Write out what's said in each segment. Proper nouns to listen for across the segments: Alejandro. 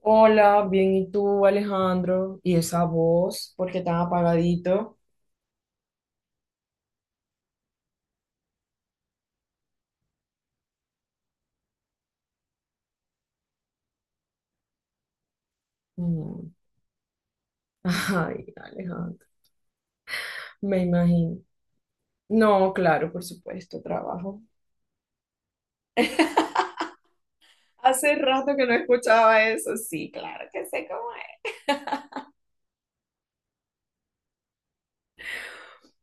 Hola, bien, ¿y tú, Alejandro? ¿Y esa voz? ¿Por qué tan apagadito? Mm. Ay, Alejandro, me imagino. No, claro, por supuesto, trabajo. Hace rato que no escuchaba eso, sí, claro que sé cómo.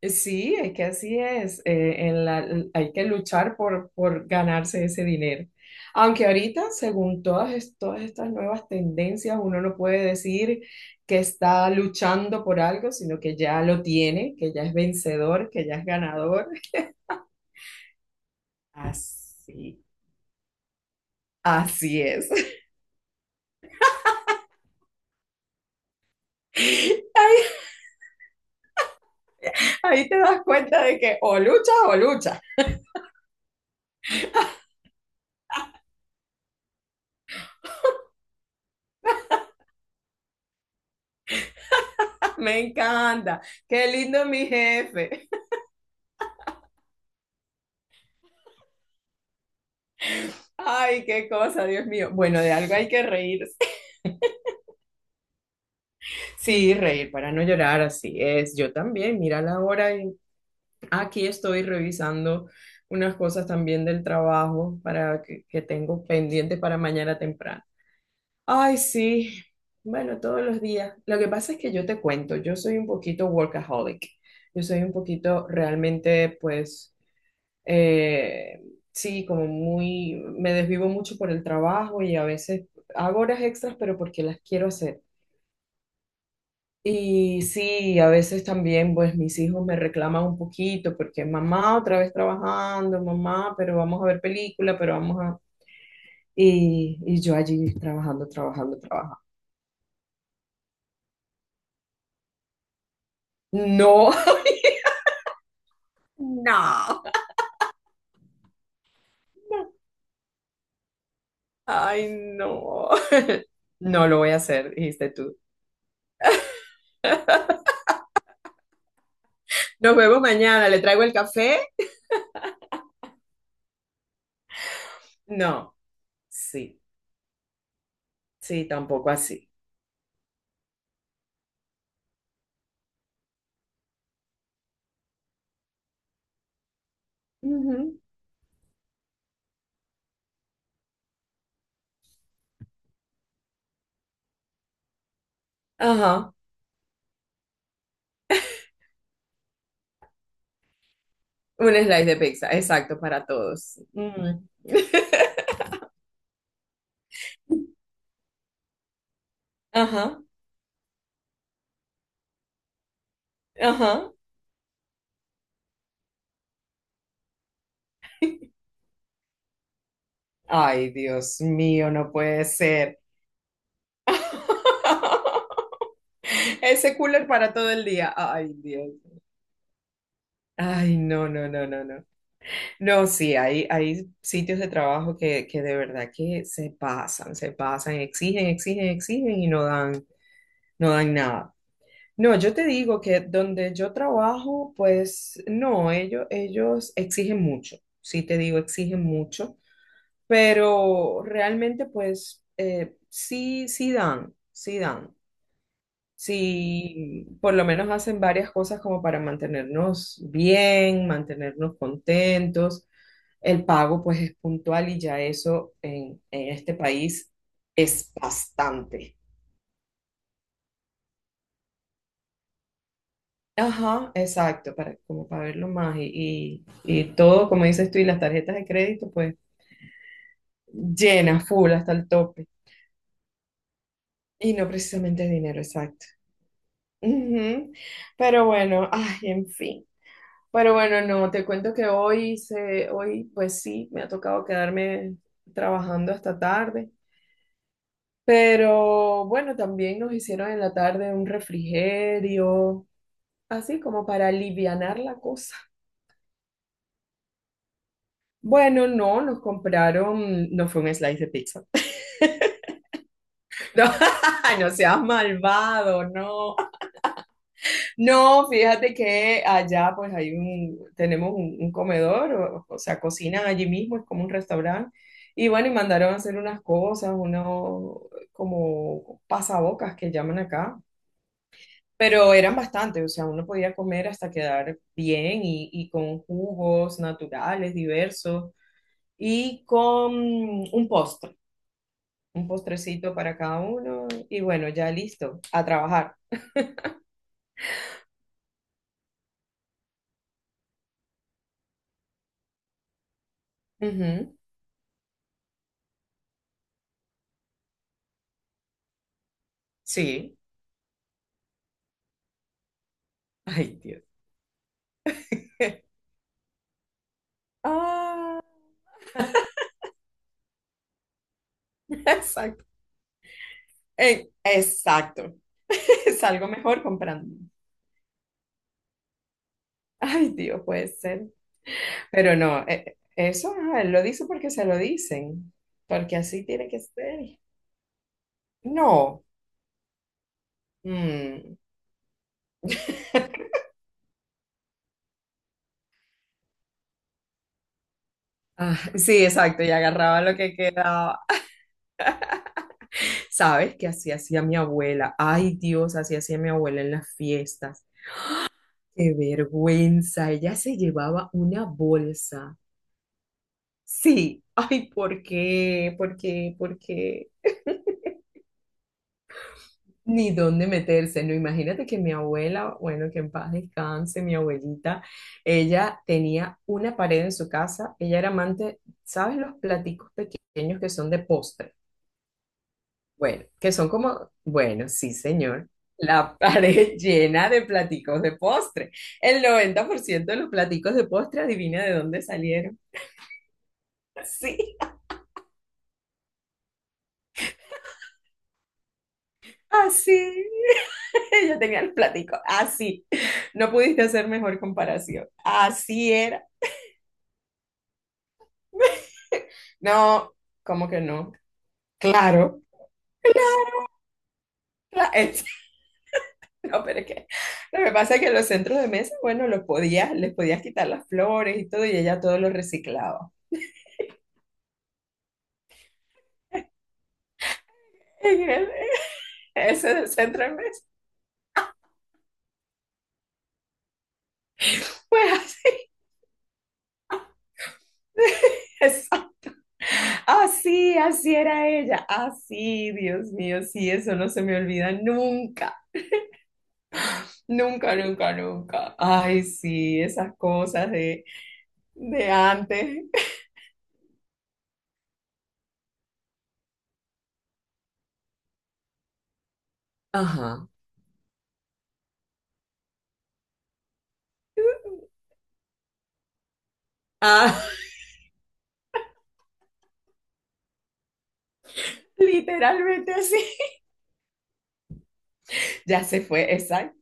Sí, es que así es. Hay que luchar por ganarse ese dinero. Aunque ahorita, según todas, todas estas nuevas tendencias, uno no puede decir que está luchando por algo, sino que ya lo tiene, que ya es vencedor, que ya es ganador. Así. Así es. Ahí, ahí te das cuenta de que o luchas o luchas. Me encanta. Qué lindo mi jefe. Ay, qué cosa, Dios mío. Bueno, de algo hay que reír. Sí, reír para no llorar, así es. Yo también, mira la hora y aquí estoy revisando unas cosas también del trabajo para que tengo pendiente para mañana temprano. Ay, sí. Bueno, todos los días. Lo que pasa es que yo te cuento, yo soy un poquito workaholic. Yo soy un poquito realmente, pues, eh, sí, como muy, me desvivo mucho por el trabajo y a veces hago horas extras, pero porque las quiero hacer. Y sí, a veces también pues mis hijos me reclaman un poquito porque mamá otra vez trabajando, mamá, pero vamos a ver película, pero vamos a... Y yo allí trabajando, trabajando, trabajando. No, No. Ay, no. No lo voy a hacer, dijiste tú. Nos vemos mañana, ¿le traigo el café? No, sí, sí, tampoco así. Ujú. Ajá, un slice de pizza, exacto, para todos. Mm. Ajá. Ajá. Ay, Dios mío, no puede ser. Ese cooler para todo el día. Ay, Dios. Ay, no, no, no, no, no. No, sí, hay sitios de trabajo que de verdad que se pasan, exigen, exigen, exigen y no dan, no dan nada. No, yo te digo que donde yo trabajo, pues no, ellos exigen mucho. Sí, te digo, exigen mucho. Pero realmente pues sí, sí dan, sí dan. Sí, por lo menos hacen varias cosas como para mantenernos bien, mantenernos contentos. El pago pues es puntual y ya eso en este país es bastante. Ajá, exacto, para, como para verlo más y, y todo, como dices tú, y las tarjetas de crédito pues llenas, full hasta el tope. Y no precisamente dinero, exacto. Ujú. Pero bueno, ay, en fin. Pero bueno, no, te cuento que hoy, pues sí, me ha tocado quedarme trabajando hasta tarde. Pero bueno, también nos hicieron en la tarde un refrigerio, así como para alivianar la cosa. Bueno, no, nos compraron, no fue un slice de pizza. No, no seas malvado, no. No, fíjate que allá pues tenemos un comedor, o sea, cocinan allí mismo, es como un restaurante. Y bueno, y mandaron a hacer unas cosas, unos como pasabocas que llaman acá, pero eran bastantes, o sea, uno podía comer hasta quedar bien y, con jugos naturales diversos y con un postre, un postrecito para cada uno. Y bueno, ya listo, a trabajar. Ujú. Sí. Ay, Dios. Ah. Exacto. Exacto. Salgo mejor comprando. Ay, Dios, puede ser. Pero no, eso ah, lo dice porque se lo dicen. Porque así tiene que ser. No. Mm. Ah, sí, exacto. Y agarraba lo que quedaba. ¿Sabes qué así hacía mi abuela? Ay, Dios, así hacía mi abuela en las fiestas. Qué vergüenza. Ella se llevaba una bolsa. Sí. Ay, ¿por qué? ¿Por qué? ¿Por qué? Ni dónde meterse, ¿no? Imagínate que mi abuela, bueno, que en paz descanse, mi abuelita, ella tenía una pared en su casa, ella era amante, ¿sabes los platicos pequeños que son de postre? Bueno, que son como, bueno, sí, señor, la pared llena de platicos de postre. El 90% de los platicos de postre, adivina de dónde salieron. Sí, así. Ella tenía el platico, así. No pudiste hacer mejor comparación. Así era. No, ¿cómo que no? Claro, claro. cla- es- No, pero es que lo que pasa es que los centros de mesa, bueno, los podías, les podías quitar las flores y todo, y ella todo lo reciclaba. En el- ese del centro de mesa. Pues así. Eso. Así, así era ella. Así, Dios mío, sí, eso no se me olvida nunca, nunca, nunca, nunca. Ay, sí, esas cosas de, antes. Ajá. Ah. Literalmente así. Ya se fue, exacto.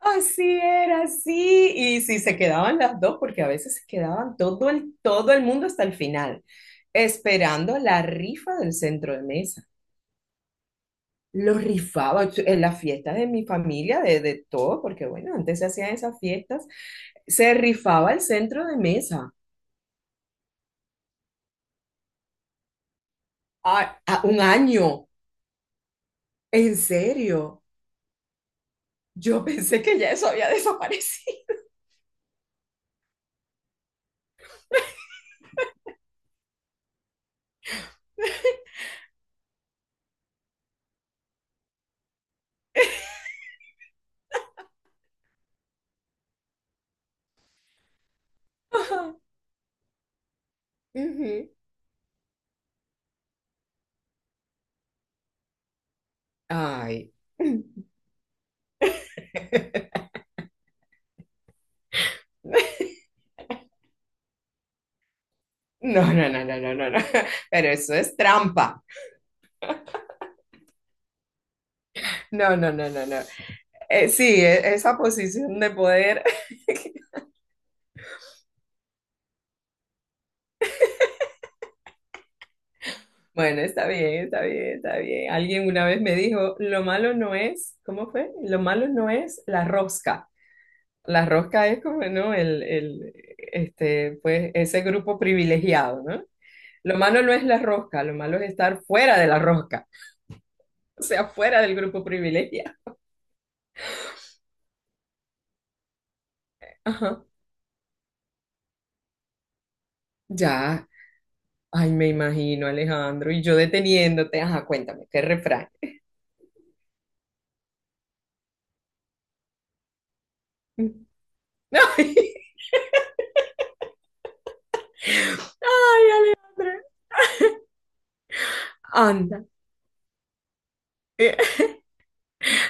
Así era, así. Y si se quedaban las dos, porque a veces se quedaban todo el mundo hasta el final, esperando la rifa del centro de mesa. Lo rifaba en las fiestas de mi familia, de todo, porque bueno, antes se hacían esas fiestas. Se rifaba el centro de mesa. A un año, en serio. Yo pensé que ya eso había desaparecido. Ujú. Ay. No, no, no, no, no, no, no. Pero eso es trampa. No, no, no, no, no. Sí, esa posición de poder. Bueno, está bien, está bien, está bien. Alguien una vez me dijo, lo malo no es, ¿cómo fue? Lo malo no es la rosca. La rosca es como, ¿no? Este, pues, ese grupo privilegiado, ¿no? Lo malo no es la rosca, lo malo es estar fuera de la rosca, o sea, fuera del grupo privilegiado. Ajá. Ya, ay, me imagino, Alejandro, y yo deteniéndote, ajá, cuéntame, ¿qué refrán? Ay, ay, Alejandro, anda. Eh.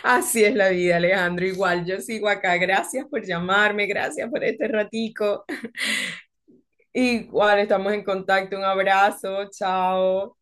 Así es la vida, Alejandro. Igual yo sigo acá. Gracias por llamarme, gracias por este ratico. Igual estamos en contacto. Un abrazo, chao.